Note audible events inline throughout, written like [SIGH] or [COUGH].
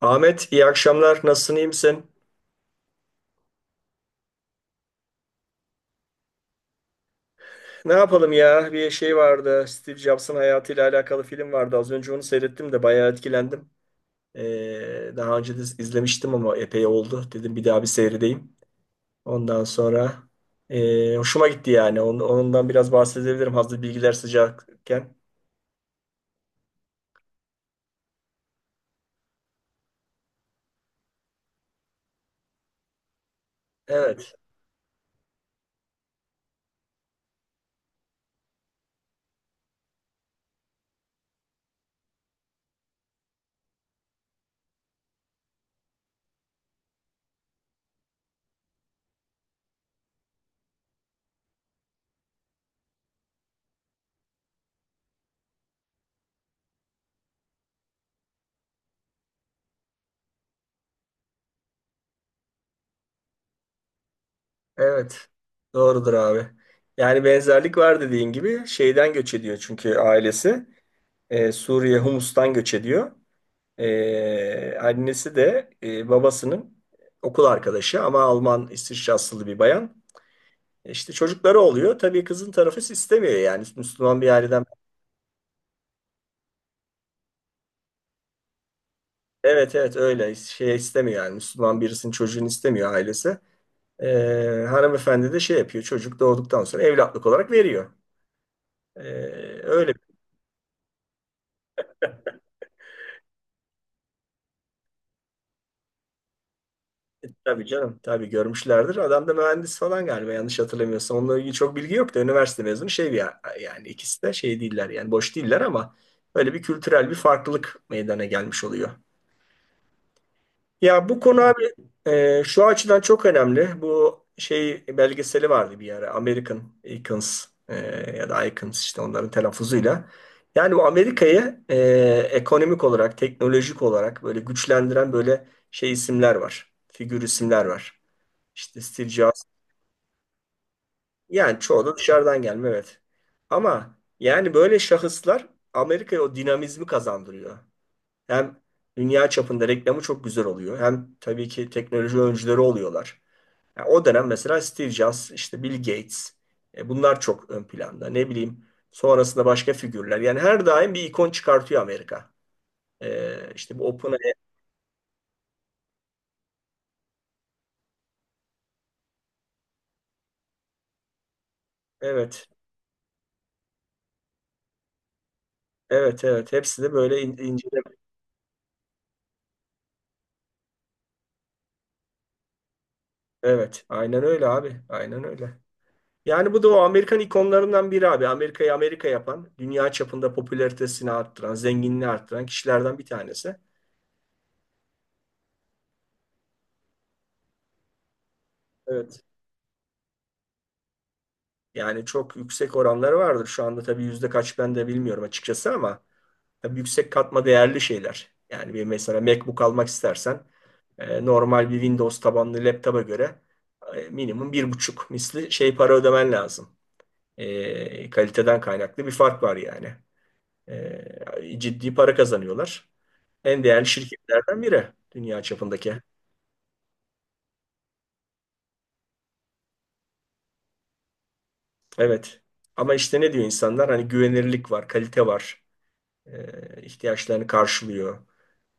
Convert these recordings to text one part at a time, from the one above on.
Ahmet, iyi akşamlar. Nasılsın, iyi misin? Ne yapalım ya? Bir şey vardı. Steve Jobs'ın hayatıyla alakalı film vardı. Az önce onu seyrettim de bayağı etkilendim. Daha önce de izlemiştim ama epey oldu. Dedim bir daha bir seyredeyim. Ondan sonra hoşuma gitti yani. Ondan biraz bahsedebilirim hazır bilgiler sıcakken. Evet, evet. Doğrudur abi. Yani benzerlik var dediğin gibi. Şeyden göç ediyor çünkü ailesi. Suriye, Humus'tan göç ediyor. Annesi de babasının okul arkadaşı ama Alman İsviçre bir bayan. İşte çocukları oluyor. Tabii kızın tarafı istemiyor yani Müslüman bir aileden. Evet, evet, öyle şey istemiyor yani Müslüman birisinin çocuğunu istemiyor ailesi. Hanımefendi de şey yapıyor çocuk doğduktan sonra evlatlık olarak veriyor. Ee, öyle. Tabii canım. Tabii görmüşlerdir. Adam da mühendis falan galiba yanlış hatırlamıyorsam. Onunla ilgili çok bilgi yok da üniversite mezunu şey bir yani ikisi de şey değiller yani boş değiller ama böyle bir kültürel bir farklılık meydana gelmiş oluyor. Ya bu konu abi şu açıdan çok önemli. Bu şey belgeseli vardı bir ara American Icons, ya da Icons işte onların telaffuzuyla. Yani bu Amerika'yı ekonomik olarak, teknolojik olarak böyle güçlendiren böyle şey isimler var. Figür isimler var. İşte Steve Jobs. Yani çoğu da dışarıdan gelme, evet. Ama yani böyle şahıslar Amerika'ya o dinamizmi kazandırıyor. Hem dünya çapında reklamı çok güzel oluyor. Hem tabii ki teknoloji öncüleri oluyorlar. Yani o dönem mesela Steve Jobs, işte Bill Gates, bunlar çok ön planda. Ne bileyim sonrasında başka figürler. Yani her daim bir ikon çıkartıyor Amerika. E, işte bu OpenAI. Evet. Evet, evet. Hepsi de böyle ince. Evet. Aynen öyle abi. Aynen öyle. Yani bu da o Amerikan ikonlarından biri abi. Amerika'yı Amerika yapan, dünya çapında popülaritesini arttıran, zenginliğini arttıran kişilerden bir tanesi. Evet. Yani çok yüksek oranları vardır. Şu anda tabii yüzde kaç ben de bilmiyorum açıkçası ama tabii yüksek katma değerli şeyler. Yani bir mesela MacBook almak istersen normal bir Windows tabanlı laptopa göre minimum 1,5 misli şey para ödemen lazım. Kaliteden kaynaklı bir fark var yani. Ciddi para kazanıyorlar. En değerli şirketlerden biri dünya çapındaki. Evet. Ama işte ne diyor insanlar? Hani güvenirlik var, kalite var. İhtiyaçlarını karşılıyor.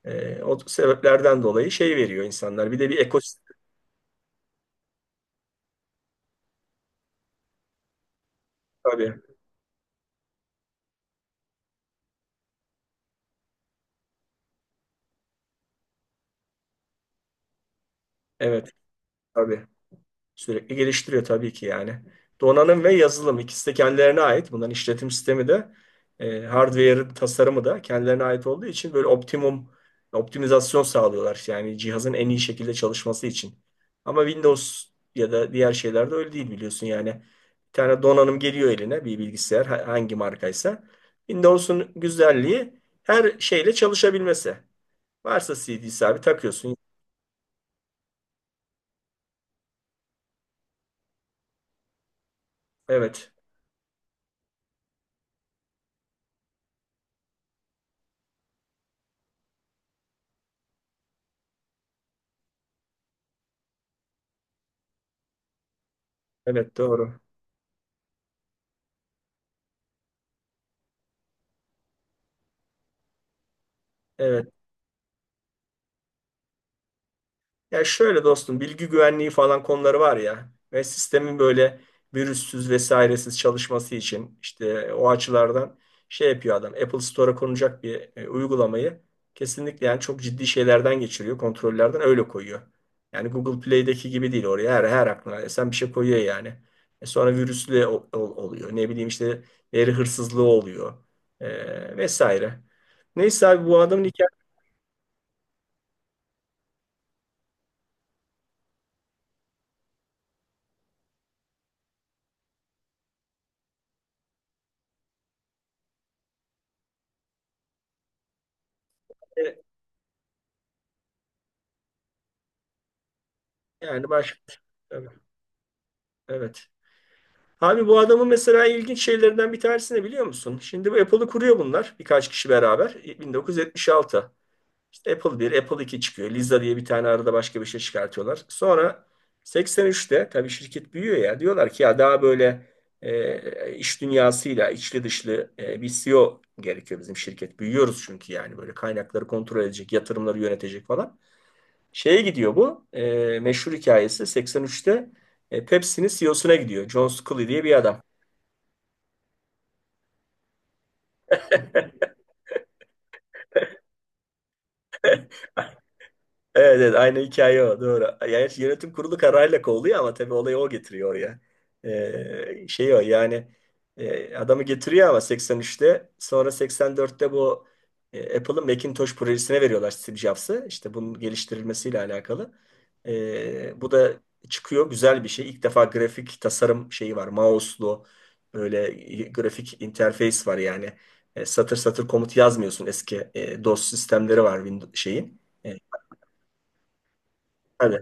O sebeplerden dolayı şey veriyor insanlar. Bir de bir ekosistem tabii. Evet, tabii. Sürekli geliştiriyor tabii ki yani. Donanım ve yazılım ikisi de kendilerine ait. Bunların işletim sistemi de hardware tasarımı da kendilerine ait olduğu için böyle optimum optimizasyon sağlıyorlar. Yani cihazın en iyi şekilde çalışması için. Ama Windows ya da diğer şeylerde öyle değil biliyorsun yani. Bir tane donanım geliyor eline bir bilgisayar, hangi markaysa. Windows'un güzelliği her şeyle çalışabilmesi. Varsa CD'si abi takıyorsun. Evet. Evet, doğru. Evet. Ya şöyle dostum, bilgi güvenliği falan konuları var ya ve sistemin böyle virüssüz vesairesiz çalışması için işte o açılardan şey yapıyor adam. Apple Store'a konacak bir uygulamayı kesinlikle yani çok ciddi şeylerden geçiriyor, kontrollerden öyle koyuyor. Yani Google Play'deki gibi değil, oraya her aklına esen bir şey koyuyor yani. Sonra virüslü oluyor. Ne bileyim işte veri hırsızlığı oluyor, vesaire. Neyse abi, bu adamın hikayesi yani başka, evet. Abi bu adamın mesela ilginç şeylerinden bir tanesi ne biliyor musun? Şimdi bu Apple'ı kuruyor bunlar birkaç kişi beraber. 1976. İşte Apple 1, Apple 2 çıkıyor. Lisa diye bir tane arada başka bir şey çıkartıyorlar. Sonra 83'te tabii şirket büyüyor ya. Diyorlar ki ya daha böyle iş dünyasıyla içli dışlı bir CEO gerekiyor bizim şirket. Büyüyoruz çünkü yani böyle kaynakları kontrol edecek, yatırımları yönetecek falan. Şeye gidiyor bu. Meşhur hikayesi 83'te Pepsi'nin CEO'suna gidiyor. John Scully diye bir adam. Evet, evet, aynı hikaye o, doğru. Yani işte yönetim kurulu kararıyla kovuluyor ama tabii olayı o getiriyor oraya. Şey o yani adamı getiriyor ama 83'te sonra 84'te bu Apple'ın Macintosh projesine veriyorlar Steve Jobs'ı. İşte bunun geliştirilmesiyle alakalı. Bu da çıkıyor güzel bir şey. İlk defa grafik tasarım şeyi var. Mouse'lu böyle grafik interface var yani. Satır satır komut yazmıyorsun, eski DOS sistemleri var Windows şeyin. Hani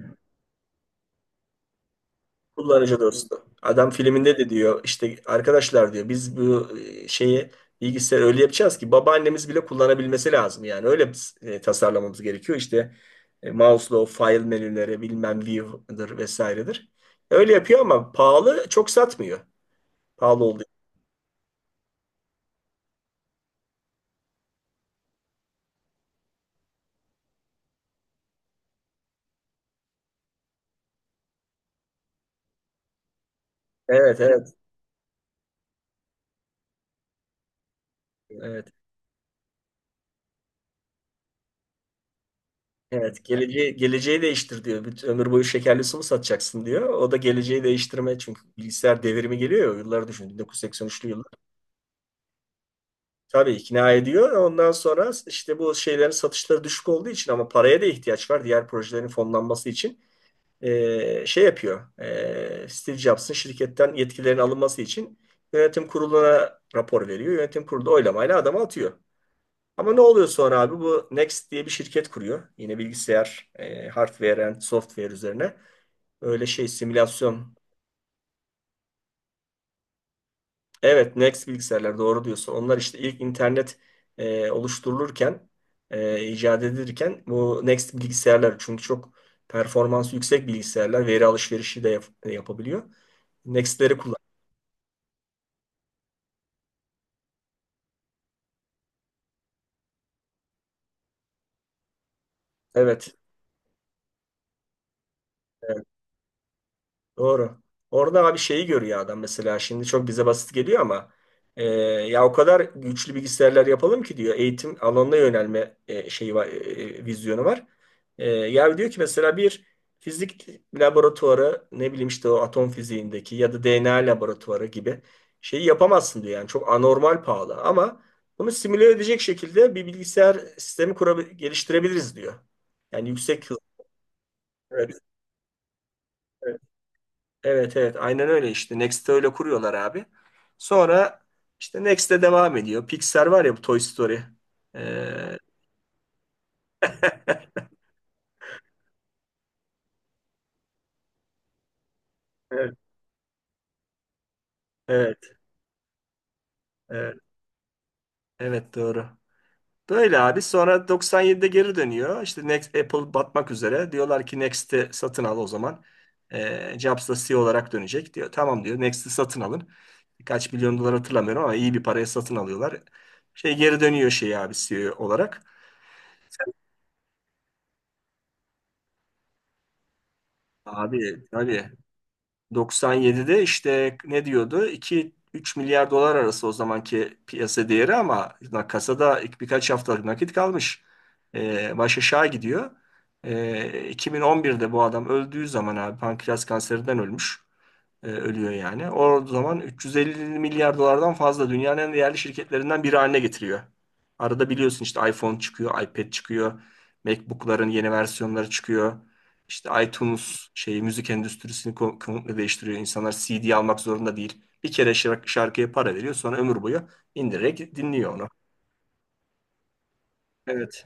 kullanıcı dostu. Adam filminde de diyor işte, arkadaşlar diyor biz bu şeyi, bilgisayarı öyle yapacağız ki babaannemiz bile kullanabilmesi lazım. Yani öyle biz, tasarlamamız gerekiyor. İşte mouse'la file menüleri bilmem view'dır vesairedir. Öyle yapıyor ama pahalı, çok satmıyor. Pahalı olduğu için. Evet, evet. Evet. Evet, geleceği, geleceği değiştir diyor. Bütün ömür boyu şekerli su mu satacaksın diyor. O da geleceği değiştirme çünkü bilgisayar devrimi geliyor ya, o yılları düşün. 1983'lü yıllar. Tabii ikna ediyor. Ondan sonra işte bu şeylerin satışları düşük olduğu için ama paraya da ihtiyaç var diğer projelerin fonlanması için. Şey yapıyor. Steve Jobs'ın şirketten yetkilerin alınması için yönetim kuruluna rapor veriyor. Yönetim kurulu da oylamayla adamı atıyor. Ama ne oluyor sonra abi? Bu Next diye bir şirket kuruyor. Yine bilgisayar, hardware and software üzerine. Öyle şey simülasyon. Evet, Next bilgisayarlar, doğru diyorsun. Onlar işte ilk internet oluşturulurken, icat edilirken bu Next bilgisayarlar çünkü çok performansı yüksek bilgisayarlar, veri alışverişi de yapabiliyor. Next'leri kullan. Evet. e, Doğru. Orada abi şeyi görüyor adam mesela, şimdi çok bize basit geliyor ama ya o kadar güçlü bilgisayarlar yapalım ki diyor, eğitim alanına yönelme şeyi var, vizyonu var. Ya diyor ki mesela bir fizik laboratuvarı, ne bileyim işte o atom fiziğindeki ya da DNA laboratuvarı gibi şeyi yapamazsın diyor yani, çok anormal pahalı ama bunu simüle edecek şekilde bir bilgisayar sistemi geliştirebiliriz diyor. Yani yüksek hız. Evet, evet. Evet, evet, aynen öyle, işte Next'te öyle kuruyorlar abi. Sonra işte Next'te devam ediyor. Pixar var ya, bu Toy Story. Ee, [LAUGHS] evet, evet, evet, evet, doğru. Böyle abi, sonra 97'de geri dönüyor. İşte Next, Apple batmak üzere. Diyorlar ki Next'i satın al o zaman. Jobs da CEO olarak dönecek diyor. Tamam diyor, Next'i satın alın. Kaç milyon dolar hatırlamıyorum ama iyi bir paraya satın alıyorlar. Şey geri dönüyor şey abi, CEO olarak. Abi tabii 97'de işte ne diyordu? 2-3 milyar dolar arası o zamanki piyasa değeri ama kasada ilk birkaç haftalık nakit kalmış. Baş aşağı gidiyor. 2011'de bu adam öldüğü zaman abi, pankreas kanserinden ölmüş ölüyor yani. O zaman 350 milyar dolardan fazla, dünyanın en değerli şirketlerinden biri haline getiriyor. Arada biliyorsun işte iPhone çıkıyor, iPad çıkıyor, MacBook'ların yeni versiyonları çıkıyor. İşte iTunes şeyi müzik endüstrisini komple değiştiriyor. İnsanlar CD almak zorunda değil. Bir kere şarkıya para veriyor, sonra ömür boyu indirerek dinliyor onu. Evet,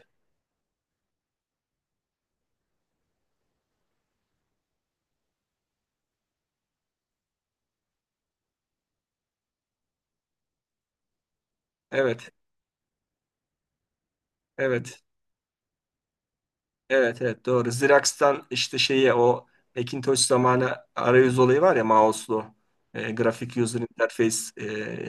evet, evet. Evet, evet, doğru. Xerox'tan işte şeye, o Macintosh zamanı arayüz olayı var ya, mouse'lu grafik user interface,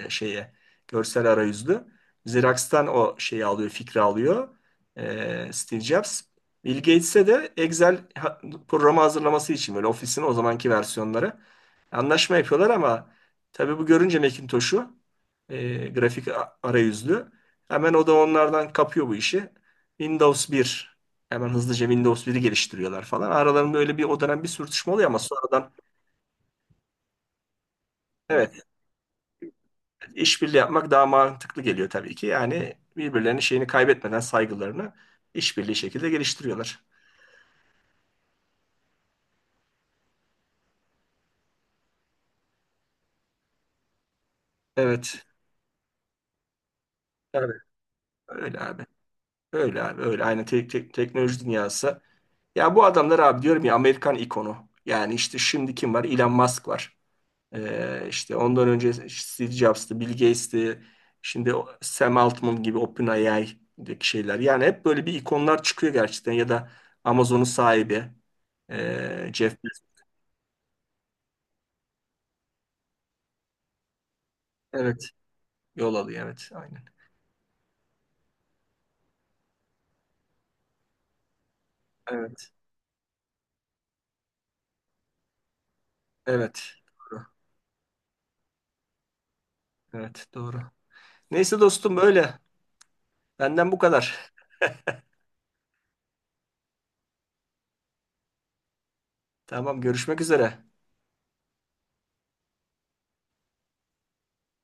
şeye, görsel arayüzlü. Xerox'tan o şeyi alıyor, fikri alıyor Steve Jobs. Bill Gates'e de Excel programı hazırlaması için, böyle ofisin o zamanki versiyonları anlaşma yapıyorlar ama tabii bu görünce Macintosh'u grafik arayüzlü hemen o da onlardan kapıyor bu işi. Windows 1. Hemen hızlıca Windows 1'i geliştiriyorlar falan. Aralarında öyle bir o dönem bir sürtüşme oluyor ama sonradan evet, işbirliği yapmak daha mantıklı geliyor tabii ki. Yani birbirlerinin şeyini kaybetmeden, saygılarını işbirliği şekilde geliştiriyorlar. Evet. Tabii. Öyle abi. Öyle abi. Öyle. Aynı teknoloji dünyası. Ya bu adamlar abi, diyorum ya, Amerikan ikonu. Yani işte şimdi kim var? Elon Musk var. İşte ondan önce Steve Jobs'tı, Bill Gates'ti, şimdi Sam Altman gibi OpenAI'deki şeyler. Yani hep böyle bir ikonlar çıkıyor gerçekten, ya da Amazon'un sahibi, Jeff Bezos. Evet, yol alıyor. Evet, aynen. Evet, evet. Doğru. Evet, doğru. Neyse dostum, böyle. Benden bu kadar. Tamam, görüşmek üzere.